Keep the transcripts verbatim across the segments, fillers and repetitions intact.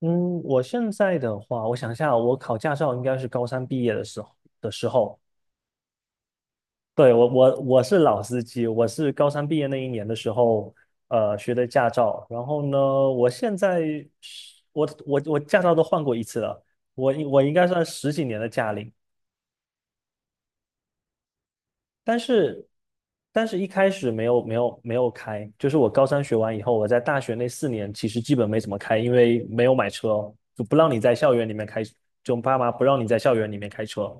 嗯，我现在的话，我想一下，我考驾照应该是高三毕业的时候的时候。对，我我我是老司机，我是高三毕业那一年的时候，呃，学的驾照。然后呢，我现在是我我我驾照都换过一次了，我应我应该算十几年的驾龄。但是但是一开始没有没有没有开，就是我高三学完以后，我在大学那四年其实基本没怎么开，因为没有买车哦，就不让你在校园里面开，就爸妈不让你在校园里面开车。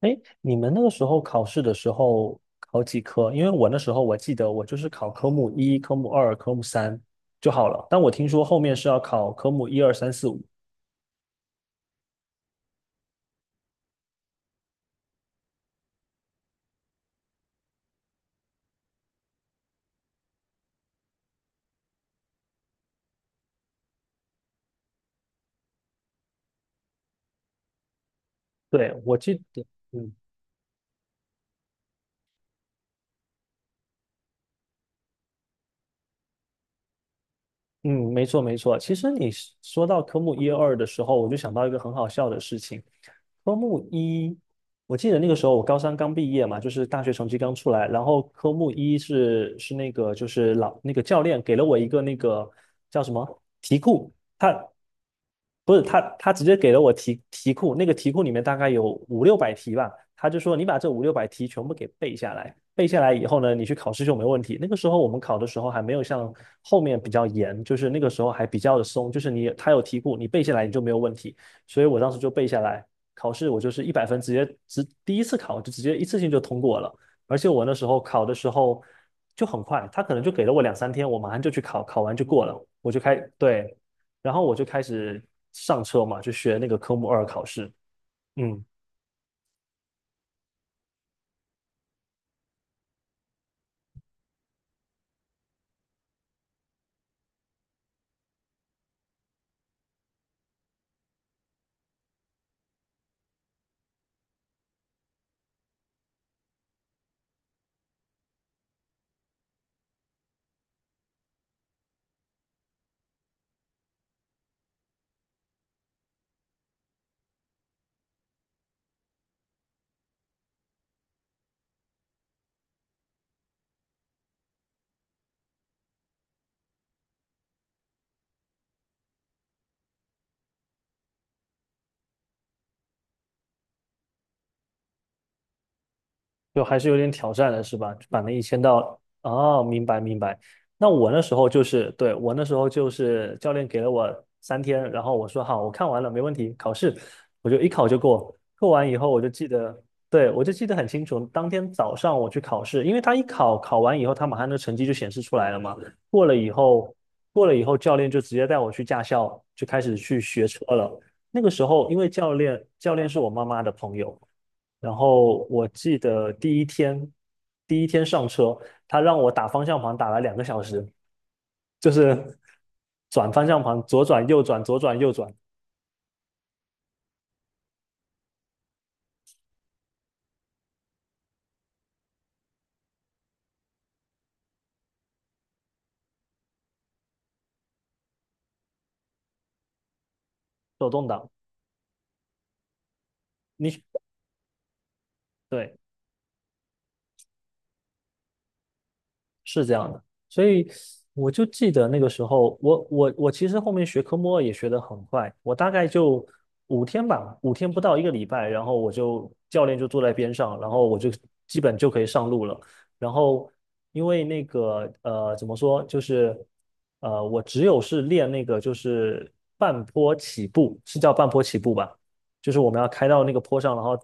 哎，你们那个时候考试的时候考几科？因为我那时候我记得我就是考科目一、科目二、科目三就好了。但我听说后面是要考科目一二三四五。对，我记得，嗯嗯，没错没错。其实你是说到科目一二的时候，我就想到一个很好笑的事情。科目一，我记得那个时候我高三刚毕业嘛，就是大学成绩刚出来，然后科目一是是那个就是老那个教练给了我一个那个叫什么题库，他不是他，他直接给了我题题库，那个题库里面大概有五六百题吧，他就说你把这五六百题全部给背下来，背下来以后呢，你去考试就没问题。那个时候我们考的时候还没有像后面比较严，就是那个时候还比较的松，就是你他有题库，你背下来你就没有问题。所以我当时就背下来，考试我就是一百分，直接直第一次考就直接一次性就通过了。而且我那时候考的时候就很快，他可能就给了我两三天，我马上就去考，考完就过了，我就开，对，然后我就开始上车嘛，就学那个科目二考试。嗯，就还是有点挑战的是吧？就把那一千道哦，明白明白。那我那时候就是，对，我那时候就是教练给了我三天，然后我说好，我看完了，没问题，考试我就一考就过。过完以后我就记得，对，我就记得很清楚，当天早上我去考试，因为他一考考完以后，他马上那个成绩就显示出来了嘛。过了以后，过了以后，教练就直接带我去驾校，就开始去学车了。那个时候，因为教练教练是我妈妈的朋友。然后我记得第一天，第一天上车，他让我打方向盘打了两个小时，就是转方向盘，左转右转，左转右转，手动挡。你对，是这样的，所以我就记得那个时候，我我我其实后面学科目二也学得很快，我大概就五天吧，五天不到一个礼拜，然后我就教练就坐在边上，然后我就基本就可以上路了。然后因为那个呃怎么说，就是呃我只有是练那个就是半坡起步，是叫半坡起步吧？就是我们要开到那个坡上，然后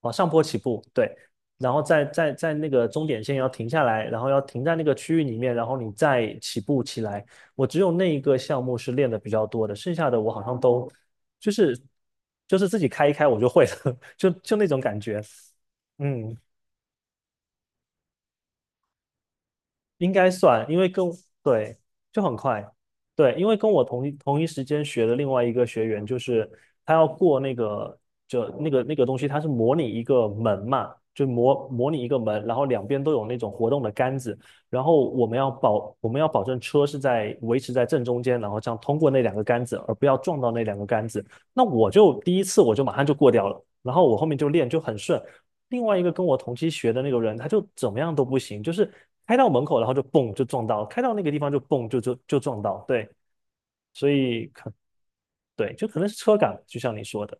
往上坡起步，对，然后在在在那个终点线要停下来，然后要停在那个区域里面，然后你再起步起来。我只有那一个项目是练的比较多的，剩下的我好像都就是就是自己开一开我就会了，就就那种感觉。嗯，应该算，因为跟对，就很快。对，因为跟我同一同一时间学的另外一个学员，就是他要过那个就那个那个东西，它是模拟一个门嘛，就模模拟一个门，然后两边都有那种活动的杆子，然后我们要保我们要保证车是在维持在正中间，然后这样通过那两个杆子，而不要撞到那两个杆子。那我就第一次我就马上就过掉了，然后我后面就练就很顺，另外一个跟我同期学的那个人，他就怎么样都不行，就是开到门口，然后就蹦就撞到，开到那个地方就蹦就就就撞到，对，所以可对，就可能是车感，就像你说的，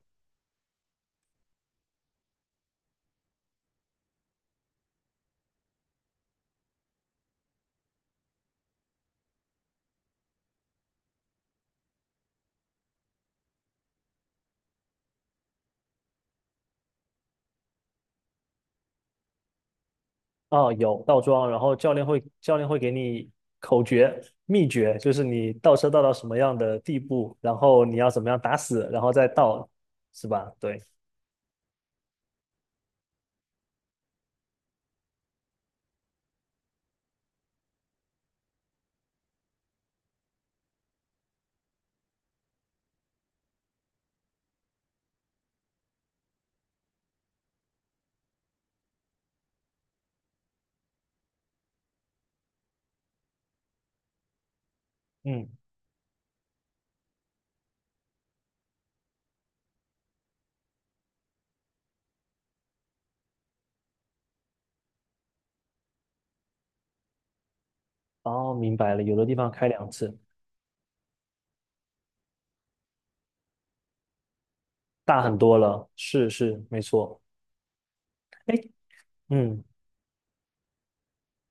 哦，有倒桩，然后教练会教练会给你口诀秘诀，就是你倒车倒到什么样的地步，然后你要怎么样打死，然后再倒，是吧？对，嗯，哦，明白了，有的地方开两次，大很多了，是是，没错，哎。嗯，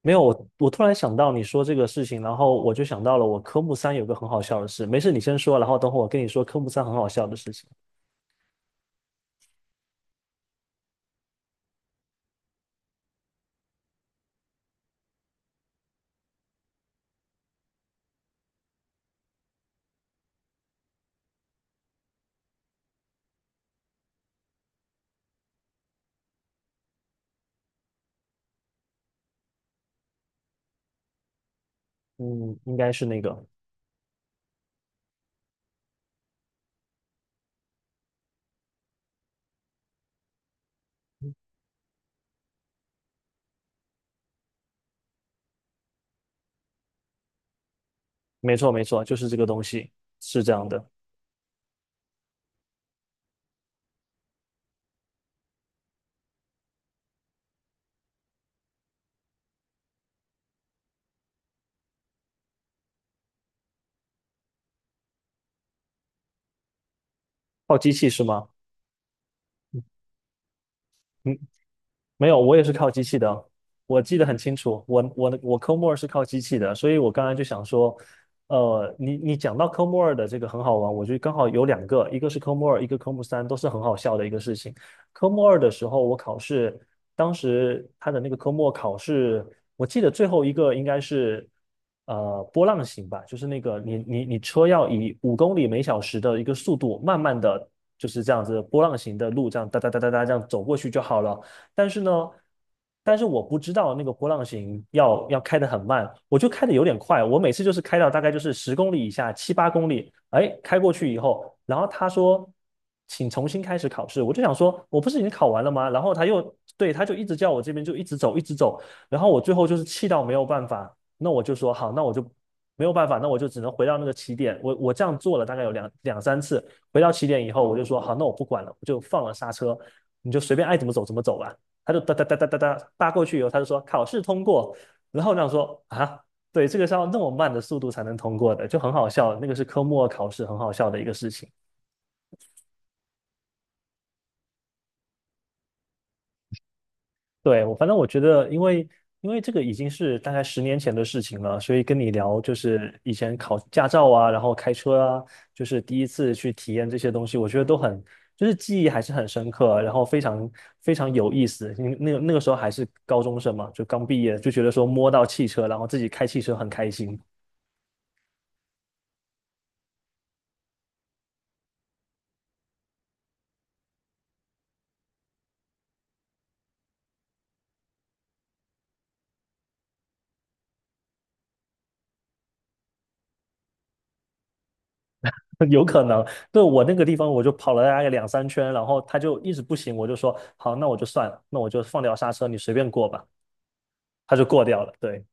没有，我我突然想到你说这个事情，然后我就想到了我科目三有个很好笑的事。没事，你先说，然后等会我跟你说科目三很好笑的事情。嗯，应该是那个，没错没错，就是这个东西，是这样的。泡机器是吗？嗯，没有，我也是靠机器的，我记得很清楚，我我的我科目二是靠机器的，所以我刚才就想说，呃，你你讲到科目二的这个很好玩，我觉得刚好有两个，一个是科目二，一个科目三，都是很好笑的一个事情。科目二的时候，我考试，当时他的那个科目考试，我记得最后一个应该是呃波浪形吧，就是那个你你你车要以五公里每小时的一个速度，慢慢的就是这样子波浪形的路，这样哒哒哒哒哒这样走过去就好了。但是呢，但是我不知道那个波浪形要要开得很慢，我就开得有点快，我每次就是开到大概就是十公里以下，七八公里，哎，开过去以后，然后他说请重新开始考试，我就想说我不是已经考完了吗？然后他又对，他就一直叫我这边就一直走一直走，然后我最后就是气到没有办法，那我就说好，那我就。没有办法，那我就只能回到那个起点。我我这样做了大概有两两三次，回到起点以后，我就说好，那我不管了，我就放了刹车，你就随便爱怎么走怎么走吧。他就哒哒哒哒哒哒扒过去以后，他就说考试通过。然后我想说啊，对，这个是要那么慢的速度才能通过的，就很好笑。那个是科目二考试，很好笑的一个事情。对，我反正我觉得，因为因为这个已经是大概十年前的事情了，所以跟你聊就是以前考驾照啊，然后开车啊，就是第一次去体验这些东西，我觉得都很就是记忆还是很深刻，然后非常非常有意思。因为那个那个时候还是高中生嘛，就刚毕业，就觉得说摸到汽车，然后自己开汽车很开心。有可能，对，我那个地方我就跑了大概两三圈，然后他就一直不行，我就说好，那我就算了，那我就放掉刹车，你随便过吧，他就过掉了。对，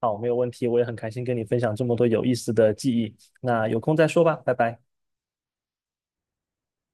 好，没有问题，我也很开心跟你分享这么多有意思的记忆，那有空再说吧，拜拜。